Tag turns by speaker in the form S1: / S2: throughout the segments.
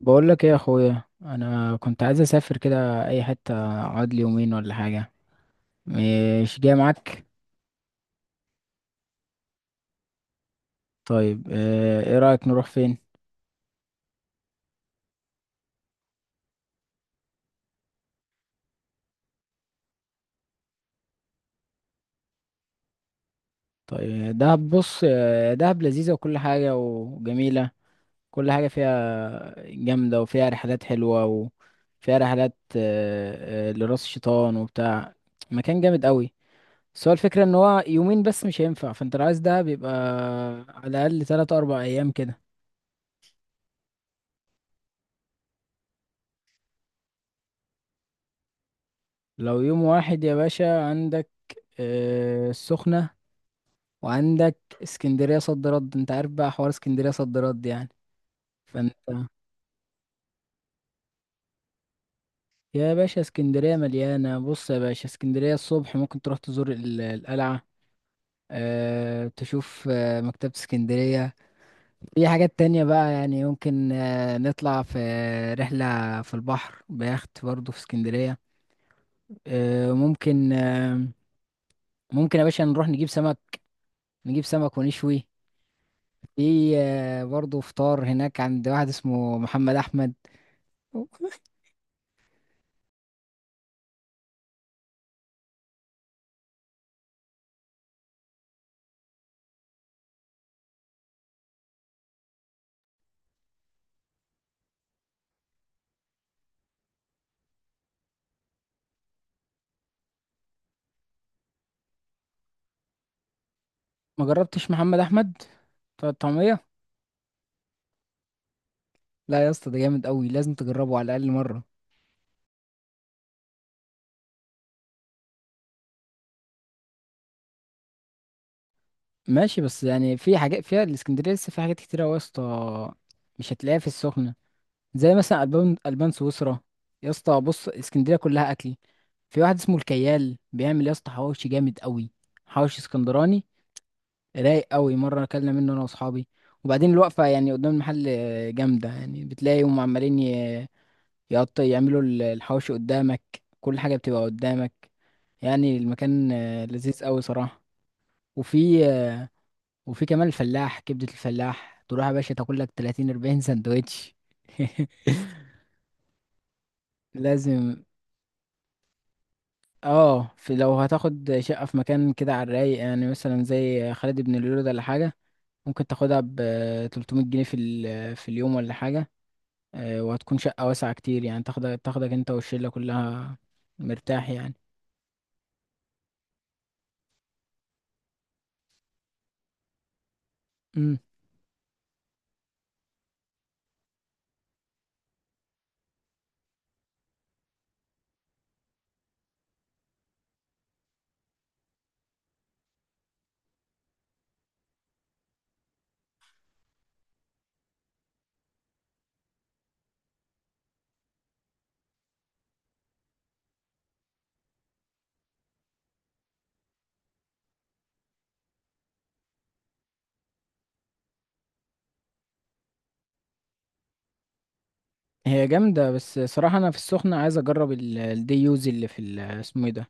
S1: بقول لك ايه يا اخويا، انا كنت عايز اسافر كده اي حته، اقعد لي يومين ولا حاجه. مش جاي معاك؟ طيب، ايه رايك نروح فين؟ طيب دهب، بص، دهب لذيذه وكل حاجه وجميله. كل حاجه فيها جامده، وفيها رحلات حلوه، وفيها رحلات لراس الشيطان وبتاع. مكان جامد قوي. بس هو الفكره ان هو يومين بس مش هينفع، فانت لو عايز دهب يبقى على الاقل 3 4 ايام كده. لو يوم واحد يا باشا، عندك السخنة، وعندك اسكندرية صد رد. انت عارف بقى حوار اسكندرية صد رد يعني، فانت... يا باشا، اسكندرية مليانة. بص يا باشا، اسكندرية الصبح ممكن تروح تزور القلعة. أه، تشوف مكتبة اسكندرية. في حاجات تانية بقى يعني، ممكن نطلع في رحلة في البحر بيخت برضه في اسكندرية. أه ممكن، ممكن يا باشا نروح نجيب سمك. نجيب سمك ونشوي. في برضه فطار هناك عند واحد اسمه محمد احمد. ما جربتش محمد احمد بتاع الطعميه؟ لا يا اسطى، ده جامد قوي، لازم تجربه على الاقل مره. ماشي، بس يعني في حاجات فيها الاسكندريه لسه، في حاجات كتيره أوي يا اسطى. مش هتلاقيها في السخنه. زي مثلا البان سويسرا. يا اسطى بص، اسكندريه كلها اكل. في واحد اسمه الكيال بيعمل يا اسطى حواوشي جامد قوي. حواوشي اسكندراني، رايق قوي، مره اكلنا منه انا واصحابي. وبعدين الوقفه يعني قدام المحل جامده يعني، بتلاقيهم عمالين يقط يعملوا الحواوشي قدامك. كل حاجه بتبقى قدامك. يعني المكان لذيذ قوي صراحه. وفي آه، وفي كمان الفلاح، كبده الفلاح، تروح يا باشا تاكل لك 30 40 سندوتش. لازم. اه، في لو هتاخد شقه في مكان كده على الرايق يعني، مثلا زي خالد بن الوليد ولا حاجه، ممكن تاخدها ب 300 جنيه في اليوم ولا حاجه. وهتكون شقة واسعة كتير يعني، تاخدك انت والشلة كلها، مرتاح يعني. امم. هي جامدة، بس صراحة انا في السخنة عايز اجرب الدي يوز اللي في اسمه ايه ده،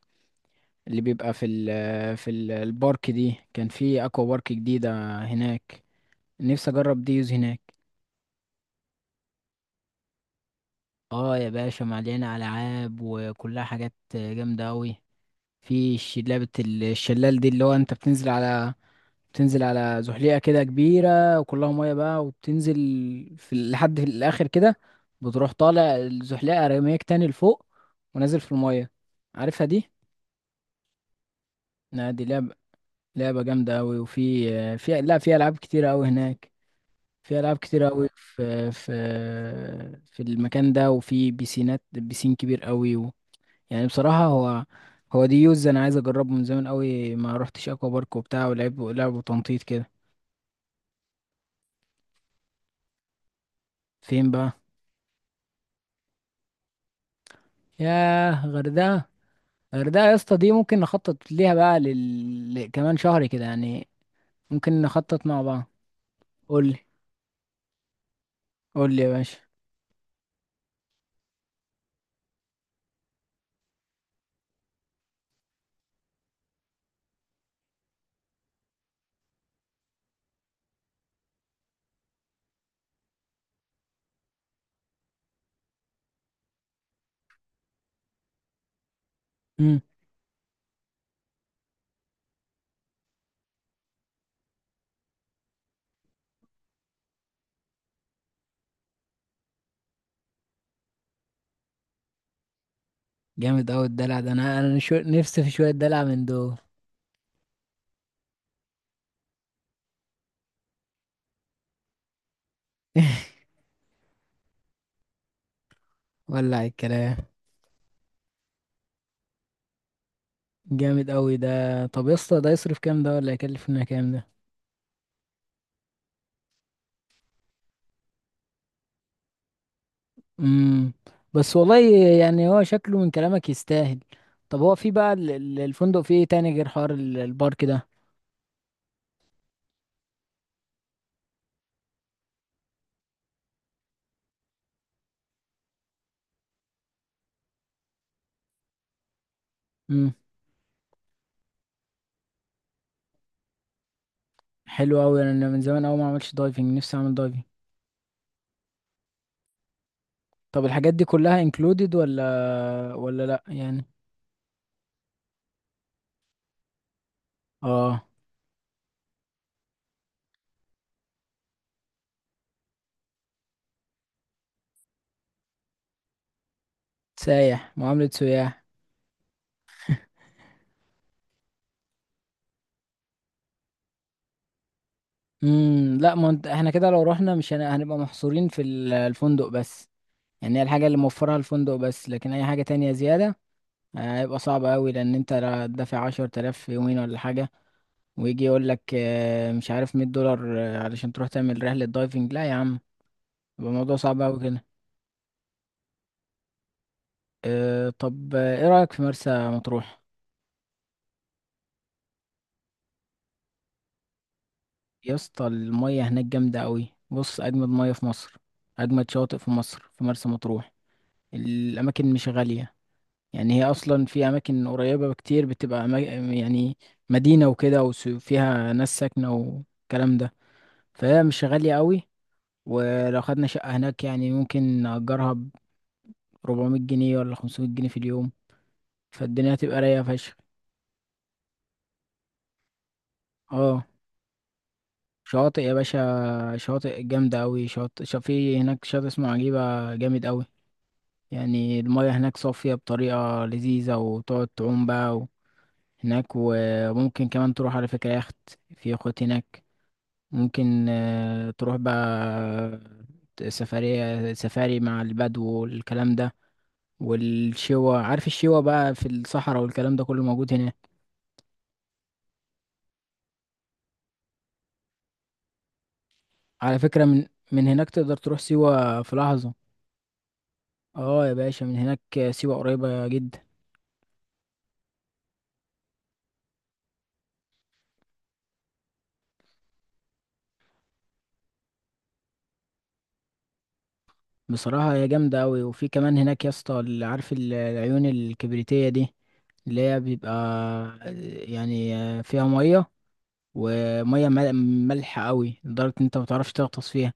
S1: اللي بيبقى في البارك. دي كان في اكوا بارك جديدة هناك، نفسي اجرب دي يوز هناك. اه يا باشا، مليانة ألعاب وكلها حاجات جامدة أوي. في لعبة الشلال دي، اللي هو انت بتنزل على، بتنزل على زحليقة كده كبيرة وكلها مية بقى، وبتنزل في لحد في الآخر كده. بتروح طالع الزحليقة رميك تاني لفوق، ونازل في المية. عارفها دي؟ لا دي لعبة. لعبة جامدة أوي، وفي في لا في ألعاب كتيرة أوي هناك. في ألعاب كتيرة أوي، في في المكان ده، وفي بيسينات، بيسين كبير أوي. يعني بصراحة هو دي يوز انا عايز اجربه من زمان قوي، ما روحتش اكوا بارك وبتاع ولعب لعب تنطيط كده. فين بقى؟ ياه، غردقة! غردقة يا اسطى، دي ممكن نخطط ليها بقى كمان شهر كده يعني، ممكن نخطط مع بعض. قول لي قول لي يا باشا. امم. جامد قوي الدلع ده، نفسي في شوية دلع من دول. ولع الكلام. جامد قوي ده. طب يا اسطى، ده يصرف كام ده ولا يكلفنا كام ده؟ امم. بس والله، يعني هو شكله من كلامك يستاهل. طب هو في بقى الفندق فيه ايه تاني غير حوار البارك ده؟ امم. حلو قوي، انا من زمان قوي ما عملتش دايفنج، نفسي اعمل دايفنج. طب الحاجات دي كلها انكلودد ولا لا يعني؟ اه. سايح، معاملة سياح. امم، لا، ما انت- احنا كده لو رحنا مش هنبقى محصورين في الفندق بس. يعني هي الحاجة اللي موفرها الفندق بس، لكن اي حاجة تانية زيادة هيبقى صعب قوي. لان انت دافع 10 آلاف في يومين ولا حاجة، ويجي يقول لك مش عارف، 100 دولار علشان تروح تعمل رحلة دايفنج، لا يا عم. يبقى الموضوع صعب أوي كده. طب ايه رأيك في مرسى مطروح؟ يا اسطى، المية هناك جامدة أوي، بص أجمد مية في مصر. أجمد شواطئ في مصر في مرسى مطروح. الأماكن مش غالية، يعني هي أصلا في أماكن قريبة بكتير بتبقى يعني مدينة وكده وفيها ناس ساكنة والكلام ده، فهي مش غالية أوي. ولو خدنا شقة هناك يعني ممكن نأجرها 400 جنيه ولا 500 جنيه في اليوم، فالدنيا هتبقى رايقة فشخ. اه. شواطئ يا باشا، شواطئ جامدة أوي، في هناك شاطئ اسمه عجيبة جامد أوي. يعني المياه هناك صافية بطريقة لذيذة، وتقعد تعوم بقى هناك. وممكن كمان تروح على فكرة يخت، في يخوت هناك. ممكن تروح بقى سفرية، سفاري مع البدو والكلام ده، والشوا، عارف الشوا بقى في الصحراء والكلام ده كله موجود هناك. على فكرة من هناك تقدر تروح سيوة في لحظة. اه يا باشا، من هناك سيوة قريبة جدا. بصراحة هي جامدة أوي. وفي كمان هناك يا اسطى، اللي عارف العيون الكبريتية دي، اللي هي بيبقى، يعني فيها مية، ومية مالحة أوي لدرجة إن أنت متعرفش تغطس فيها،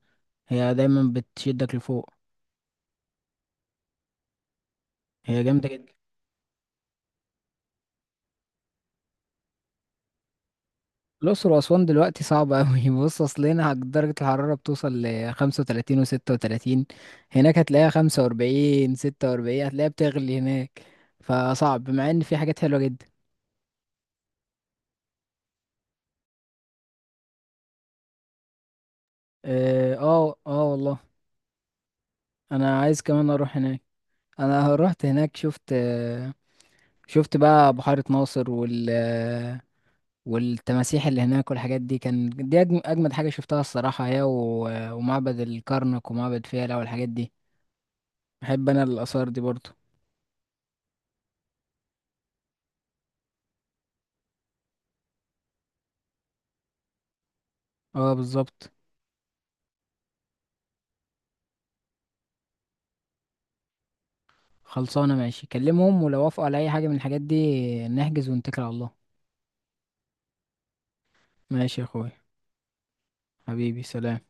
S1: هي دايما بتشدك لفوق. هي جامدة جدا. الأقصر وأسوان دلوقتي صعبة أوي. بص، أصل هنا درجة الحرارة بتوصل لخمسة وتلاتين وستة وتلاتين، هناك هتلاقيها 45 46، هتلاقيها بتغلي هناك. فصعب، مع إن في حاجات حلوة جدا. اه، اه، آه والله. أنا عايز كمان أروح هناك. أنا رحت هناك، شفت بقى بحيرة ناصر، والتماسيح اللي هناك والحاجات دي. كان دي أجمد حاجة شفتها الصراحة، هي ومعبد الكرنك ومعبد فيلة والحاجات دي. بحب أنا الآثار دي برضه. اه، بالظبط. خلصانة ماشي، كلمهم، ولو وافقوا على أي حاجة من الحاجات دي نحجز ونتكل على الله. ماشي يا أخوي. حبيبي، سلام.